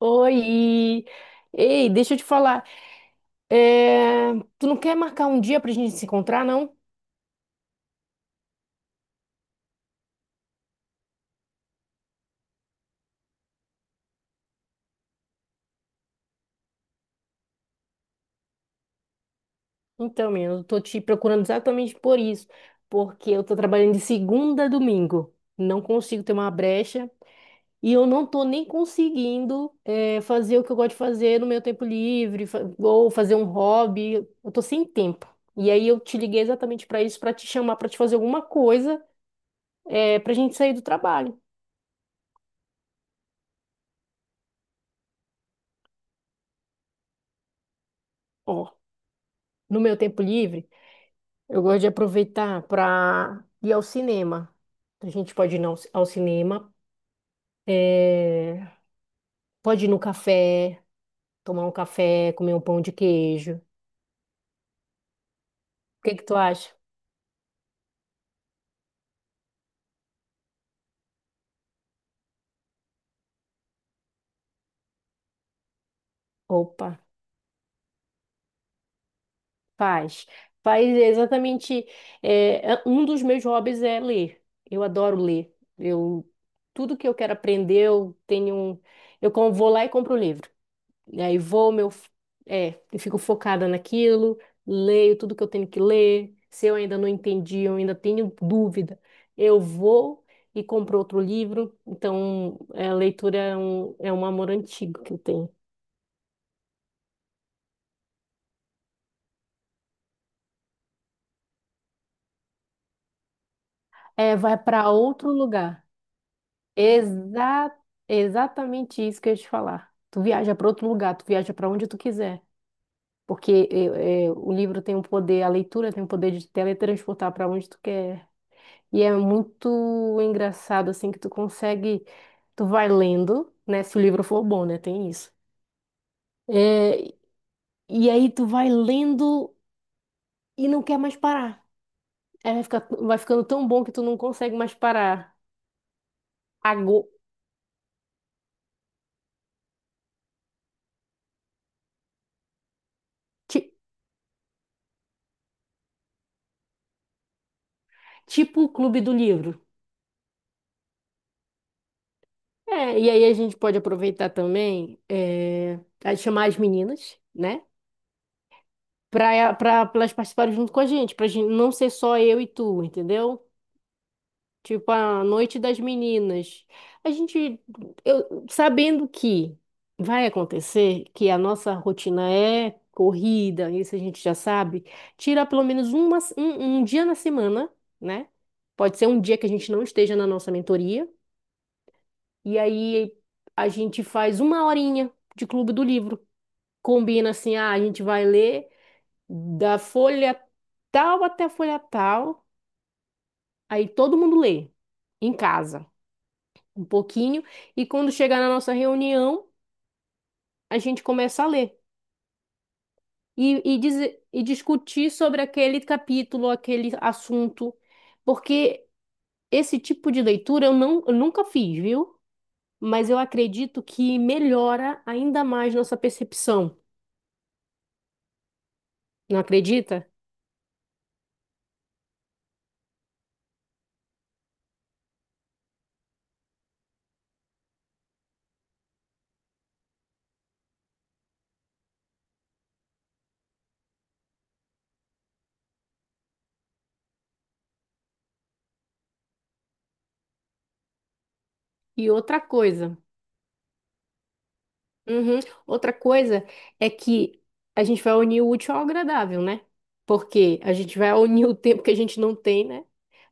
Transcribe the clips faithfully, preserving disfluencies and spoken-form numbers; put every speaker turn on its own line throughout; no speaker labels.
Oi! Ei, deixa eu te falar. é, Tu não quer marcar um dia pra gente se encontrar, não? Então, menina, eu tô te procurando exatamente por isso. Porque eu tô trabalhando de segunda a domingo. Não consigo ter uma brecha. E eu não tô nem conseguindo é, fazer o que eu gosto de fazer no meu tempo livre, fa- ou fazer um hobby. Eu tô sem tempo. E aí eu te liguei exatamente pra isso, pra te chamar, pra te fazer alguma coisa, é, pra gente sair do trabalho. Ó, no meu tempo livre. Eu gosto de aproveitar para ir ao cinema. A gente pode ir ao ci- ao cinema, eh, pode ir no café, tomar um café, comer um pão de queijo. O que que tu acha? Opa, faz. Faz exatamente. eh, é- um dos meus hobbies é ler. Eu adoro ler. Eu, tudo que eu quero aprender, eu tenho um. Eu com- vou lá e compro o livro. E aí vou, meu, é, eu fico focada naquilo, leio tudo que eu tenho que ler. Se eu ainda não entendi, eu ainda tenho dúvida, eu vou e compro outro livro. Então, é, a leitura é um, é um amor antigo que eu tenho. É, vai para outro lugar. Exa exatamente isso que eu ia te falar. Tu viaja para outro lugar, tu viaja para onde tu quiser. Porque eh, eh, o livro tem um poder, a leitura tem o poder de teletransportar para onde tu quer. E é muito engraçado, assim, que tu consegue. Tu vai lendo, né? Se o livro for bom, né? Tem isso. É, e aí tu vai lendo e não quer mais parar. Aí vai ficar, vai ficando tão bom que tu não consegue mais parar. Ago- ti- tipo o Clube do Livro. É, e aí a gente pode aproveitar também é, a chamar as meninas, né? Pra, pra, pra elas participarem junto com a gente, pra gente não ser só eu e tu, entendeu? Tipo, a Noite das Meninas. A gente, eu, sabendo que vai acontecer, que a nossa rotina é corrida, isso a gente já sabe, tira pelo menos uma, um, um dia na semana, né? Pode ser um dia que a gente não esteja na nossa mentoria, e aí a gente faz uma horinha de clube do livro. Combina assim, ah, a gente vai ler da folha tal até a folha tal, aí todo mundo lê em casa. um pouquinho, e quando chegar na nossa reunião, a gente começa a ler e, e, dizer- e discutir sobre aquele capítulo, aquele assunto, porque esse tipo de leitura eu, não, eu nunca fiz, viu? Mas eu acredito que melhora ainda mais nossa percepção, não acredita? E outra coisa, uhum, outra coisa é que a gente vai unir o útil ao agradável, né? Porque a gente vai unir o tempo que a gente não tem, né?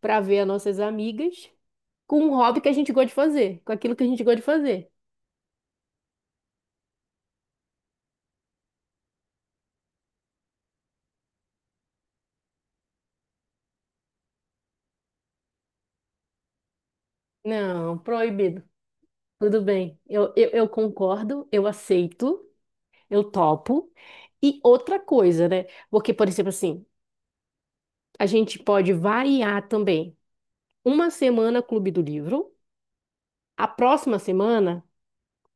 Para ver as nossas amigas. com um hobby que a gente gosta de fazer, com aquilo que a gente gosta de fazer. Não, proibido. Tudo bem. Eu, eu, eu concordo, eu aceito, eu topo. E outra coisa, né? Porque, por exemplo, assim, a gente pode variar também. Uma semana Clube do Livro, a próxima semana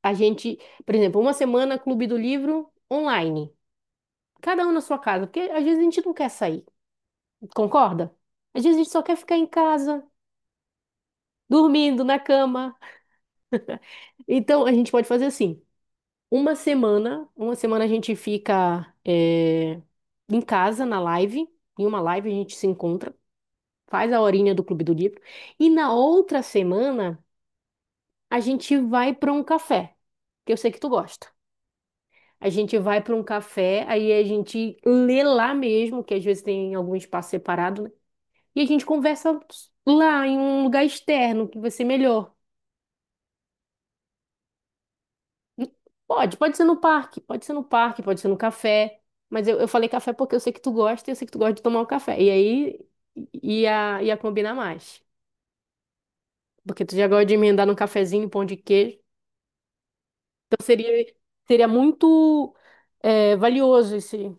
a gente, por exemplo, uma semana Clube do Livro online. Cada um na sua casa, porque às vezes a gente não quer sair, concorda? Às vezes a gente só quer ficar em casa, dormindo na cama. Então a gente pode fazer assim. Uma semana, uma semana a gente fica eh, em casa na live, em uma live a gente se encontra, faz a horinha do Clube do Livro, e na outra semana a gente vai para um café, que eu sei que tu gosta. A gente vai para um café, aí a gente lê lá mesmo, que às vezes tem algum espaço separado, né? E a gente conversa lá em um lugar externo que vai ser melhor. Pode, pode ser no parque, pode ser no parque, pode ser no café. Mas eu, eu falei café porque eu sei que tu gosta e eu sei que tu gosta de tomar um café. E aí ia, ia combinar mais. Porque tu já gosta de emendar num cafezinho, pão de queijo. Então seria, seria muito é, valioso esse,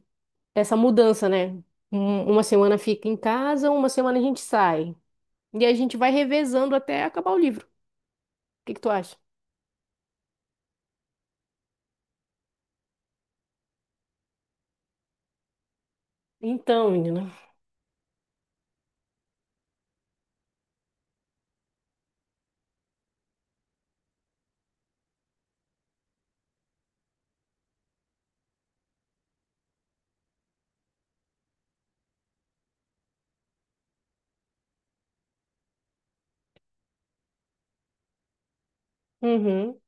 essa mudança, né? Um- uma semana fica em casa, uma semana a gente sai. E a gente vai revezando até acabar o livro. O que que tu acha? Então, menina. Uhum.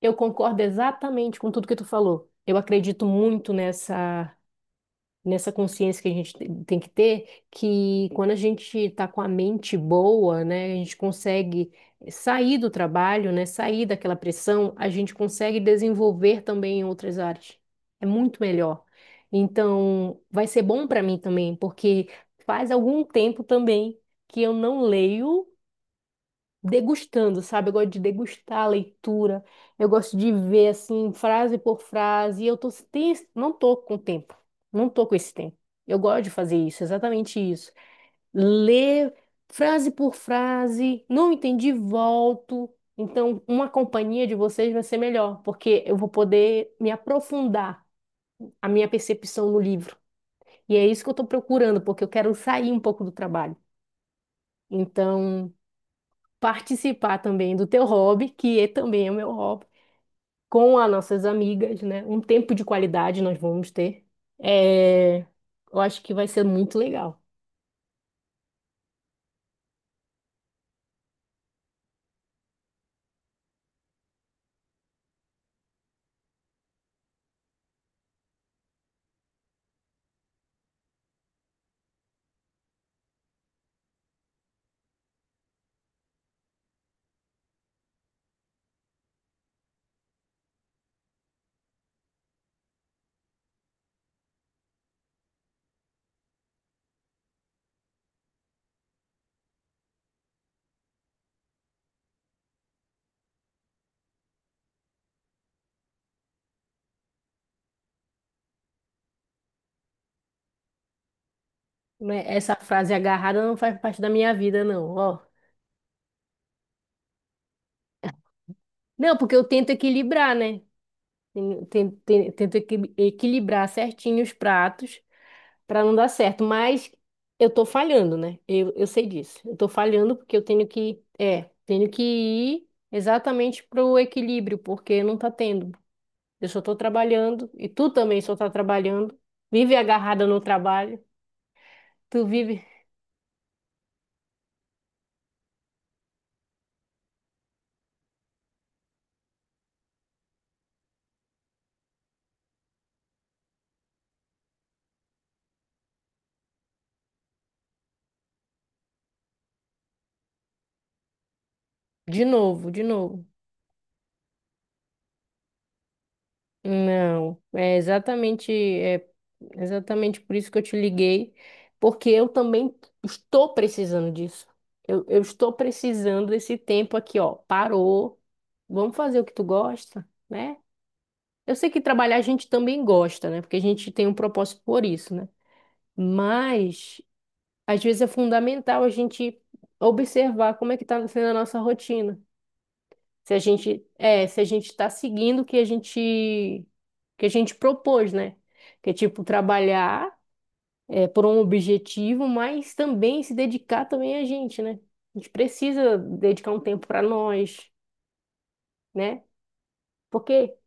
Eu concordo exatamente com tudo que tu falou. Eu acredito muito nessa nessa consciência que a gente te- tem que ter, que quando a gente está com a mente boa, né, a gente consegue sair do trabalho, né, sair daquela pressão, a gente consegue desenvolver também em outras áreas. É muito melhor. Então, vai ser bom para mim também, porque faz algum tempo também que eu não leio degustando, sabe? Eu gosto de degustar a leitura, eu gosto de ver assim, frase por frase, e eu tô, tem, não tô com tempo, não tô com esse tempo. Eu gosto de fazer isso, exatamente isso. Ler frase por frase, não entendi, volto. Então, uma companhia de vocês vai ser melhor, porque eu vou poder me aprofundar a minha percepção no livro. E é isso que eu estou procurando, porque eu quero sair um pouco do trabalho. Então, participar também do teu hobby, que é também o meu hobby, com as nossas amigas, né? Um tempo de qualidade nós vamos ter. É, eu acho que vai ser muito legal. Né? Essa frase agarrada não faz parte da minha vida, não, ó. Não, porque eu tento equilibrar, né? Ten- ten- ten- Tento equi- equilibrar certinho os pratos para não dar certo, mas eu tô falhando, né? Eu, eu sei disso. Eu tô falhando porque eu tenho que, é, tenho que ir exatamente pro equilíbrio, porque não tá tendo. Eu só tô trabalhando e tu também só tá trabalhando. Vive agarrada no trabalho. Tu vive de novo, de novo. Não, é exatamente, é exatamente por isso que eu te liguei, porque eu também estou precisando disso. Eu, eu estou precisando desse tempo aqui, ó. Parou. Vamos fazer o que tu gosta, né? Eu sei que trabalhar a gente também gosta, né? Porque a gente tem um propósito por isso, né? Mas às vezes é fundamental a gente observar como é que tá sendo a nossa rotina. Se a gente, é, se a gente está seguindo o que a gente, que a gente propôs, né? Que é tipo trabalhar é, por um objetivo, mas também se dedicar também a gente, né? A gente precisa dedicar um tempo para nós, né? Porque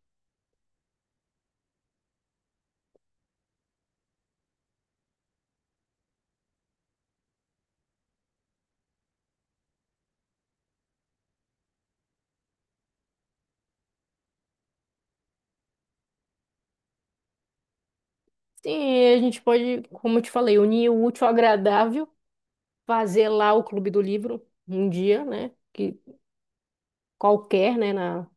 sim, a gente pode, como eu te falei, unir o útil ao agradável, fazer lá o Clube do Livro um dia, né? Que qualquer, né? Na,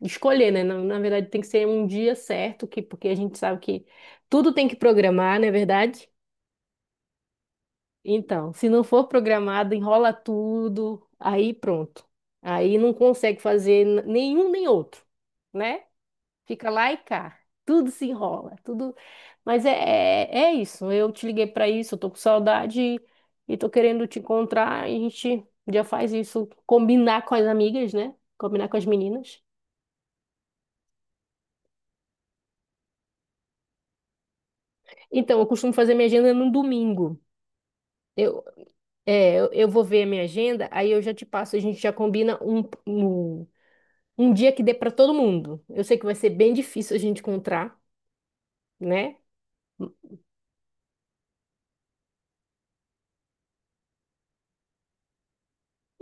escolher, né? Na, na verdade, tem que ser um dia certo, que, porque a gente sabe que tudo tem que programar, não é verdade? Então, se não for programado, enrola tudo, aí pronto. Aí não consegue fazer n- nenhum nem outro, né? Fica lá e cá. Tudo se enrola, tudo. Mas é, é, é isso. Eu te liguei para isso, eu tô com saudade e e tô querendo te encontrar. A gente já faz isso, combinar com as amigas, né? Combinar com as meninas. Então, eu costumo fazer minha agenda no domingo. Eu, é, eu eu vou ver a minha agenda, aí eu já te passo, a gente já combina um, um Um dia que dê para todo mundo. Eu sei que vai ser bem difícil a gente encontrar, né?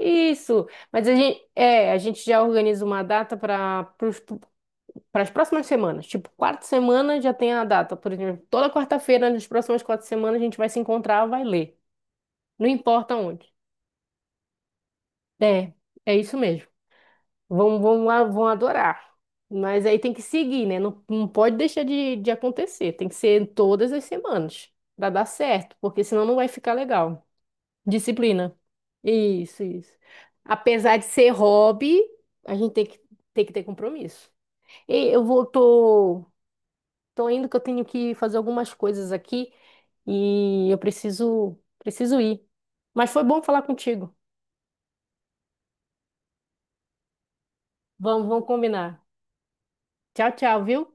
Isso. Mas a gente, é, a gente já organiza uma data para para as próximas semanas. Tipo, quarta semana já tem a data. Por exemplo, toda quarta-feira, nas próximas quatro semanas, a gente vai se encontrar, vai ler. Não importa onde. É, é isso mesmo. Vão, vão, a- vão adorar. Mas aí tem que seguir, né? Não, não pode deixar de, de acontecer. Tem que ser todas as semanas para dar certo, porque senão não vai ficar legal. Disciplina. Isso, isso. Apesar de ser hobby, a gente tem que, tem que ter compromisso. E eu vou, tô, tô indo que eu tenho que fazer algumas coisas aqui e eu preciso, preciso ir. Mas foi bom falar contigo. Vamos, vamos combinar. Tchau, tchau, viu?